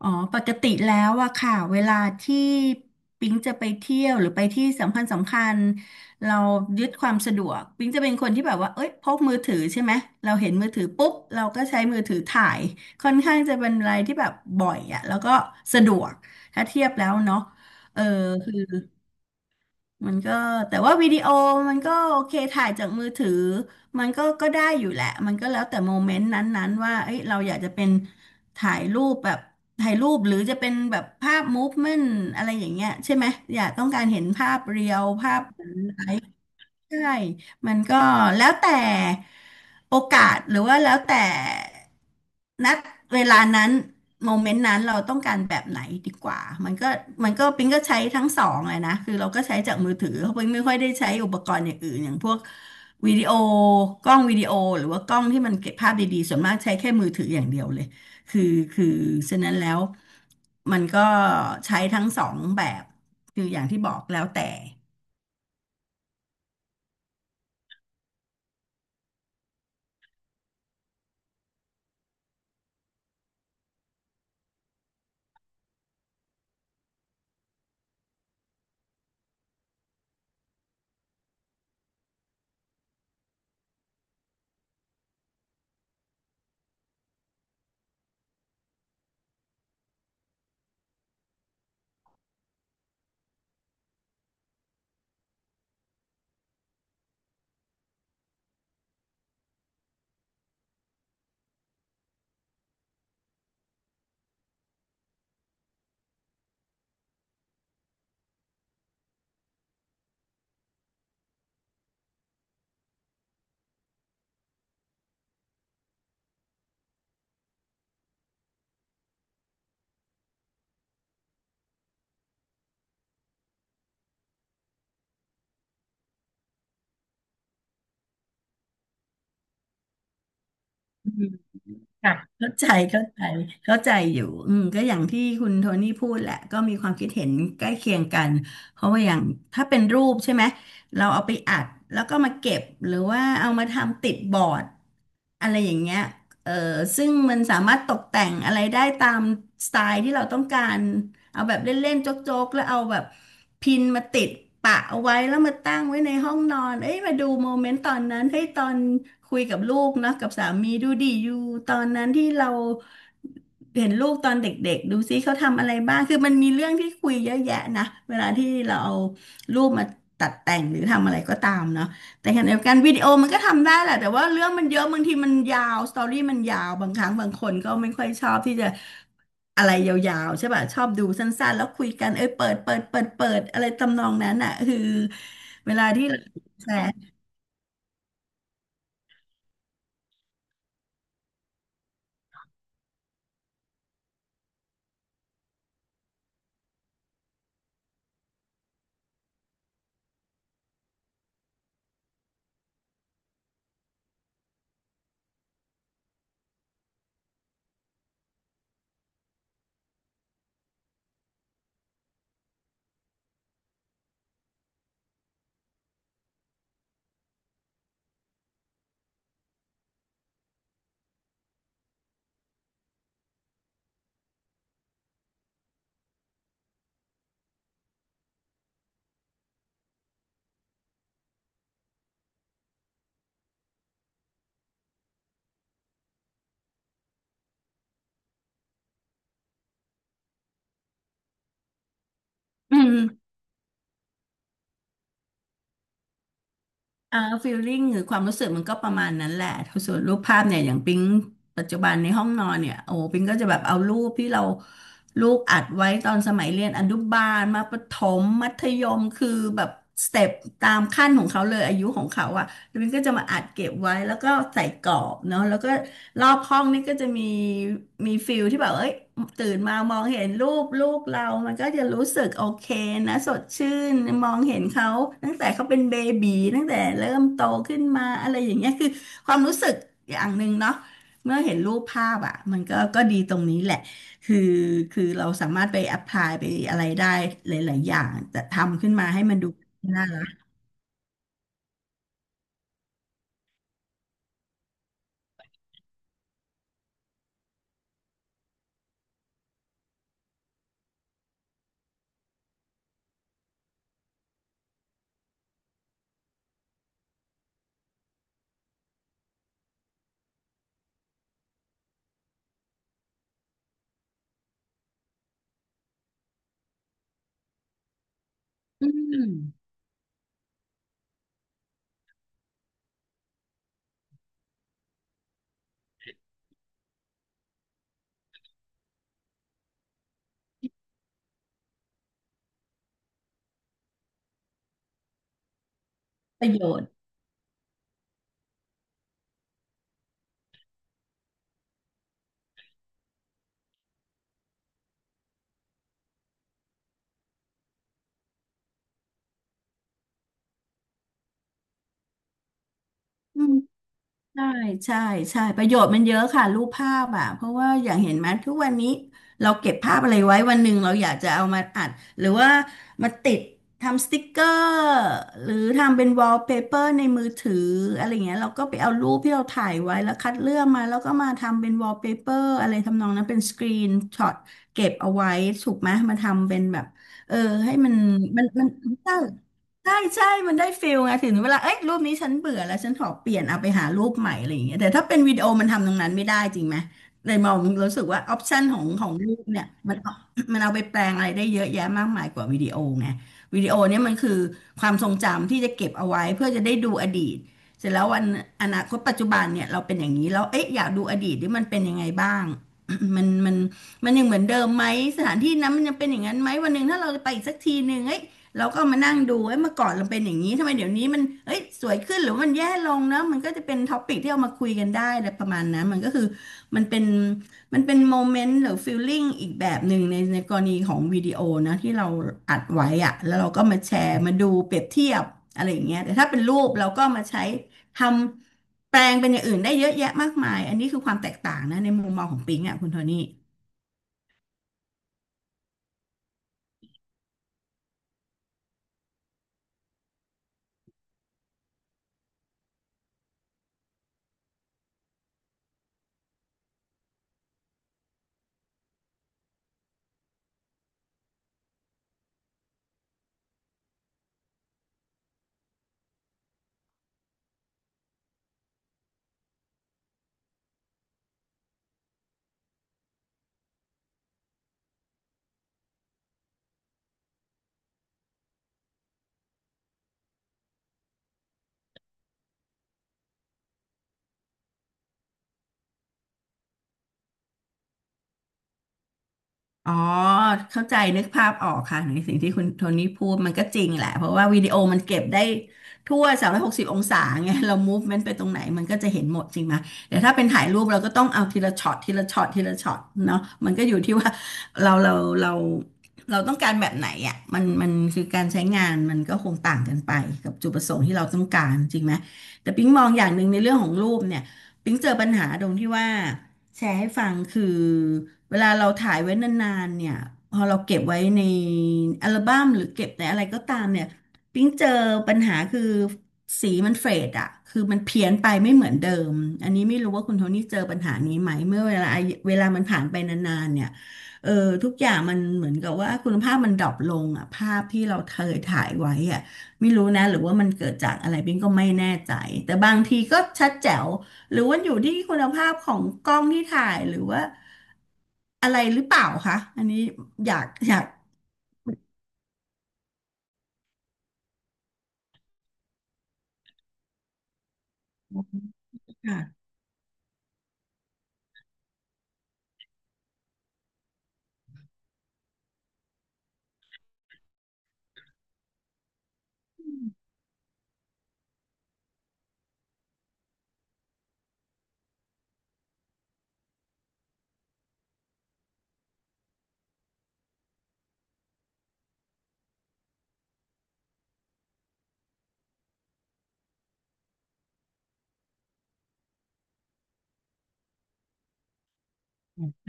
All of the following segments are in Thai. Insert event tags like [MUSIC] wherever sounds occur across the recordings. อ๋อปกติแล้วอะค่ะเวลาที่ปิ๊งจะไปเที่ยวหรือไปที่สำคัญสำคัญเรายึดความสะดวกปิ๊งจะเป็นคนที่แบบว่าเอ้ยพกมือถือใช่ไหมเราเห็นมือถือปุ๊บเราก็ใช้มือถือถ่ายค่อนข้างจะเป็นอะไรที่แบบบ่อยอะแล้วก็สะดวกถ้าเทียบแล้วเนาะเออ มันก็แต่ว่าวิดีโอมันก็โอเคถ่ายจากมือถือมันก็ได้อยู่แหละมันก็แล้วแต่โมเมนต์นั้นๆว่าเอ้ยเราอยากจะเป็นถ่ายรูปแบบถ่ายรูปหรือจะเป็นแบบภาพมูฟเมนต์อะไรอย่างเงี้ยใช่ไหมอยากต้องการเห็นภาพเรียวภาพ ใช่ มันก็แล้วแต่โอกาสหรือว่าแล้วแต่นัดเวลานั้นโมเมนต์นั้นเราต้องการแบบไหนดีกว่ามันก็มันก็ปิงก็ใช้ทั้งสองเลยนะคือเราก็ใช้จากมือถือเพราะปิงไม่ค่อยได้ใช้อุปกรณ์อย่างอื่นอย่างพวกวิดีโอกล้องวิดีโอหรือว่ากล้องที่มันเก็บภาพดีๆส่วนมากใช้แค่มือถืออย่างเดียวเลยคือคือฉะนั้นแล้วมันก็ใช้ทั้งสองแบบคืออย่างที่บอกแล้วแต่ ค่ะเข้าใจเข้าใจเข้าใจอยู่อืมก็อย่างที่คุณโทนี่พูดแหละก็มีความคิดเห็นใกล้เคียงกันเพราะว่าอย่างถ้าเป็นรูปใช่ไหมเราเอาไปอัดแล้วก็มาเก็บหรือว่าเอามาทำติดบอร์ด อะไรอย่างเงี้ยเออซึ่งมันสามารถตกแต่งอะไรได้ตามสไตล์ที่เราต้องการเอาแบบเล่นๆโจ๊กๆแล้วเอาแบบพินมาติดปะเอาไว้แล้วมาตั้งไว้ในห้องนอนเอ้ยมาดูโมเมนต์ตอนนั้นเฮ้ยตอนคุยกับลูกเนาะกับสามีดูดิอยู่ตอนนั้นที่เราเห็นลูกตอนเด็กๆดูซิเขาทำอะไรบ้างคือมันมีเรื่องที่คุยเยอะแยะนะเวลาที่เราเอารูปมาตัดแต่งหรือทำอะไรก็ตามเนาะ แต่ขณะเดียวกันวิดีโอมันก็ทำได้แหละแต่ว่าเรื่องมันเยอะบางทีมันยาวสตอรี่มันยาวบางครั้งบางคนก็ไม่ค่อยชอบที่จะอะไรยาวๆใช่ป่ะชอบดูสั้นๆแล้วคุยกันเอ้ยเปิดอะไรทำนองนั้นอ่ะคือเวลาที่เราแชร์อืม อ่าฟีลลิ่งหรือความรู้สึกมันก็ประมาณนั้นแหละส่วนรูปภาพเนี่ยอย่างปิ๊งปัจจุบันในห้องนอนเนี่ยโอ้ปิ๊งก็จะแบบเอารูปที่เราลูกอัดไว้ตอนสมัยเรียนอนุบาลมาประถมมัธยมคือแบบสเต็ปตามขั้นของเขาเลยอายุของเขาอ่ะแล้วปิ๊งก็จะมาอัดเก็บไว้แล้วก็ใส่กรอบเนาะแล้วก็รอบห้องนี่ก็จะมี มีฟิลที่แบบเอ้ยตื่นมามองเห็นรูปลูกเรา มันก็จะรู้สึกโอเคนะสดชื่นมองเห็นเขาตั้งแต่เขาเป็นเบบีตั้งแต่เริ่มโตขึ้นมาอะไรอย่างเงี้ยคือความรู้สึกอย่างหนึ่งเนาะเมื่อเห็นรูปภาพอ่ะมันก็ดีตรงนี้แหละคือคือเราสามารถไปแอพพลายไปอะไรได้หลายๆอย่างแต่ทำขึ้นมาให้มันดูน่ารักอืมประโยชน์อืม ใช่ใช่ใช่ประโยชน์มันเยอะค่ะรูปภาพอ่ะเพราะว่าอย่างเห็นไหมทุกวันนี้เราเก็บภาพอะไรไว้วันหนึ่งเราอยากจะเอามาอัดหรือว่ามาติดทำสติกเกอร์หรือทำเป็นวอลเปเปอร์ในมือถืออะไรเงี้ยเราก็ไปเอารูปที่เราถ่ายไว้แล้วคัดเลือกมาแล้วก็มาทำเป็นวอลเปเปอร์อะไรทำนองนั้นเป็นสกรีนช็อตเก็บเอาไว้ถูกไหมมาทำเป็นแบบเออให้มัน ใช่ มันได้ฟิลไงถึงเวลาเอ้ยรูปนี้ฉันเบื่อแล้วฉันขอเปลี่ยนเอาไปหารูปใหม่อะไรอย่างเงี้ยแต่ถ้าเป็นวิดีโอมันทำตรงนั้นไม่ได้จริงไหมเลยมองรู้สึกว่าออปชันของรูปเนี่ยมันเอาไปแปลงอะไรได้เยอะแยะมากมายกว่าวิดีโอไงวิดีโอเนี่ยมันคือความทรงจำที่จะเก็บเอาไว้เพื่อจะได้ดูอดีตเสร็จแล้ววันอนาคตปัจจุบันเนี่ยเราเป็นอย่างนี้แล้วเอ๊ะอยากดูอดีตที่มันเป็นยังไงบ้าง [COUGHS] มันมันมันยังเหมือนเดิมไหมสถานที่นั้นมันยังเป็นอย่างนั้นไหมวันหนึ่งถ้าเราไปอีกสักทีหนึ่งเอ้ย เราก็มานั่งดูเอ้ยเมื่อก่อนเราเป็นอย่างนี้ทำไมเดี๋ยวนี้มันเอ้ยสวยขึ้นหรือมันแย่ลงเนอะมันก็จะเป็นท็อปิกที่เอามาคุยกันได้อะไรประมาณนั้นมันก็คือมันเป็นมันเป็นโมเมนต์หรือฟีลลิ่งอีกแบบหนึ่งในกรณีของวิดีโอนะที่เราอัดไว้อะแล้วเราก็มาแชร์มาดูเปรียบเทียบอะไรอย่างเงี้ยแต่ถ้าเป็นรูปเราก็มาใช้ทำแปลงเป็นอย่างอื่นได้เยอะแยะมากมายอันนี้คือความแตกต่างนะในมุมมองของปิงอ่ะคุณโทนี่ อ๋อเข้าใจนึกภาพออกค่ะในสิ่งที่คุณโทนี่พูดมันก็จริงแหละเพราะว่าวิดีโอมันเก็บได้ทั่ว360อยหกสิบองศาไงเรามูฟเมนต์ไปตรงไหนมันก็จะเห็นหมดจริงไหมแต่ถ้าเป็นถ่ายรูปเราก็ต้องเอาทีละช็อตทีละช็อตทีละช็อตเนาะมันก็อยู่ที่ว่าเราเราเราเราต้องการแบบไหนอ่ะมันคือการใช้งานมันก็คงต่างกันไปกับจุดประสงค์ที่เราต้องการจริงไหมแต่ปิ๊งมองอย่างหนึ่งในเรื่องของรูปเนี่ยปิ๊งเจอปัญหาตรงที่ว่าแชร์ให้ฟังคือ เวลาเราถ่ายไว้นานๆเนี่ยพอเราเก็บไว้ในอัลบั้มหรือเก็บในอะไรก็ตามเนี่ยปิ๊งเจอปัญหาคือสีมันเฟดอะคือมันเพี้ยนไปไม่เหมือนเดิมอันนี้ไม่รู้ว่าคุณโทนี่เจอปัญหานี้ไหมเมื่อเวลามันผ่านไปนานๆเนี่ยเออทุกอย่างมันเหมือนกับว่าคุณภาพมันดรอปลงอะภาพที่เราเคยถ่ายไว้อะ ไม่รู้นะหรือว่ามันเกิดจากอะไรบิงก็ไม่แน่ใจแต่บางทีก็ชัดแจ๋วหรือว่าอยู่ที่คุณภาพของกล้องที่ถ่ายหรือว่าอะไรหรือเปล่าคะอันนี้อยาก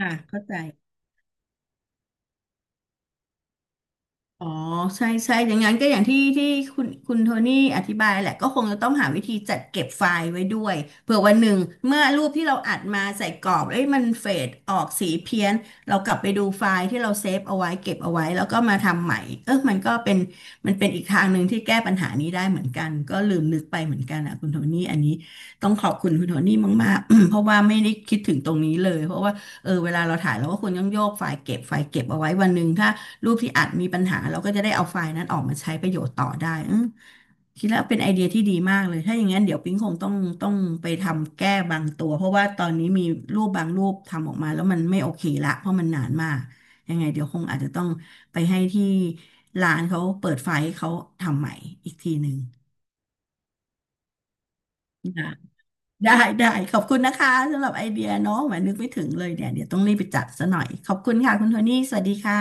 อ่ะเข้าใจ อ๋อใช่ใช่อย่างนั้นก็อย่างที่คุณโทนี่อธิบายแหละก็คงจะต้องหาวิธีจัดเก็บไฟล์ไว้ด้วยเผื่อวันหนึ่งเมื่อรูปที่เราอัดมาใส่กรอบเอ้ยมันเฟดออกสีเพี้ยนเรากลับไปดูไฟล์ที่เราเซฟเอาไว้เก็บเอาไว้แล้วก็มาทำใหม่เออมันก็เป็นอีกทางหนึ่งที่แก้ปัญหานี้ได้เหมือนกันก็ลืมนึกไปเหมือนกันอ่ะคุณโทนี่อันนี้ต้องขอบคุณคุณโทนี่มากๆ [COUGHS] [CLEARS THROAT] เพราะว่าไม่ได้คิดถึงตรงนี้เลยเพราะว่าเออเวลาเราถ่ายเราก็ควรต้องโยกไฟล์เก็บไฟล์เก็บเอาไว้วันหนึ่งถ้า รูปที่อัดมีปัญหาเราก็จะได้เอาไฟล์นั้นออกมาใช้ประโยชน์ต่อได้อืมคิดแล้วเป็นไอเดียที่ดีมากเลยถ้าอย่างนั้นเดี๋ยวปิ๊งคงต้องไปทำแก้บางตัวเพราะว่าตอนนี้มีรูปบางรูปทำออกมาแล้วมันไม่โอเคละเพราะมันนานมากยังไงเดี๋ยวคงอาจจะต้องไปให้ที่ร้านเขาเปิดไฟล์ให้เขาทำใหม่อีกทีหนึ่งนะได้ได้ขอบคุณนะคะสำหรับไอเดียเนาะแหมนึกไม่ถึงเลยเนี่ยเดี๋ยวต้องรีบไปจัดซะหน่อยขอบคุณค่ะคุณโทนี่สวัสดีค่ะ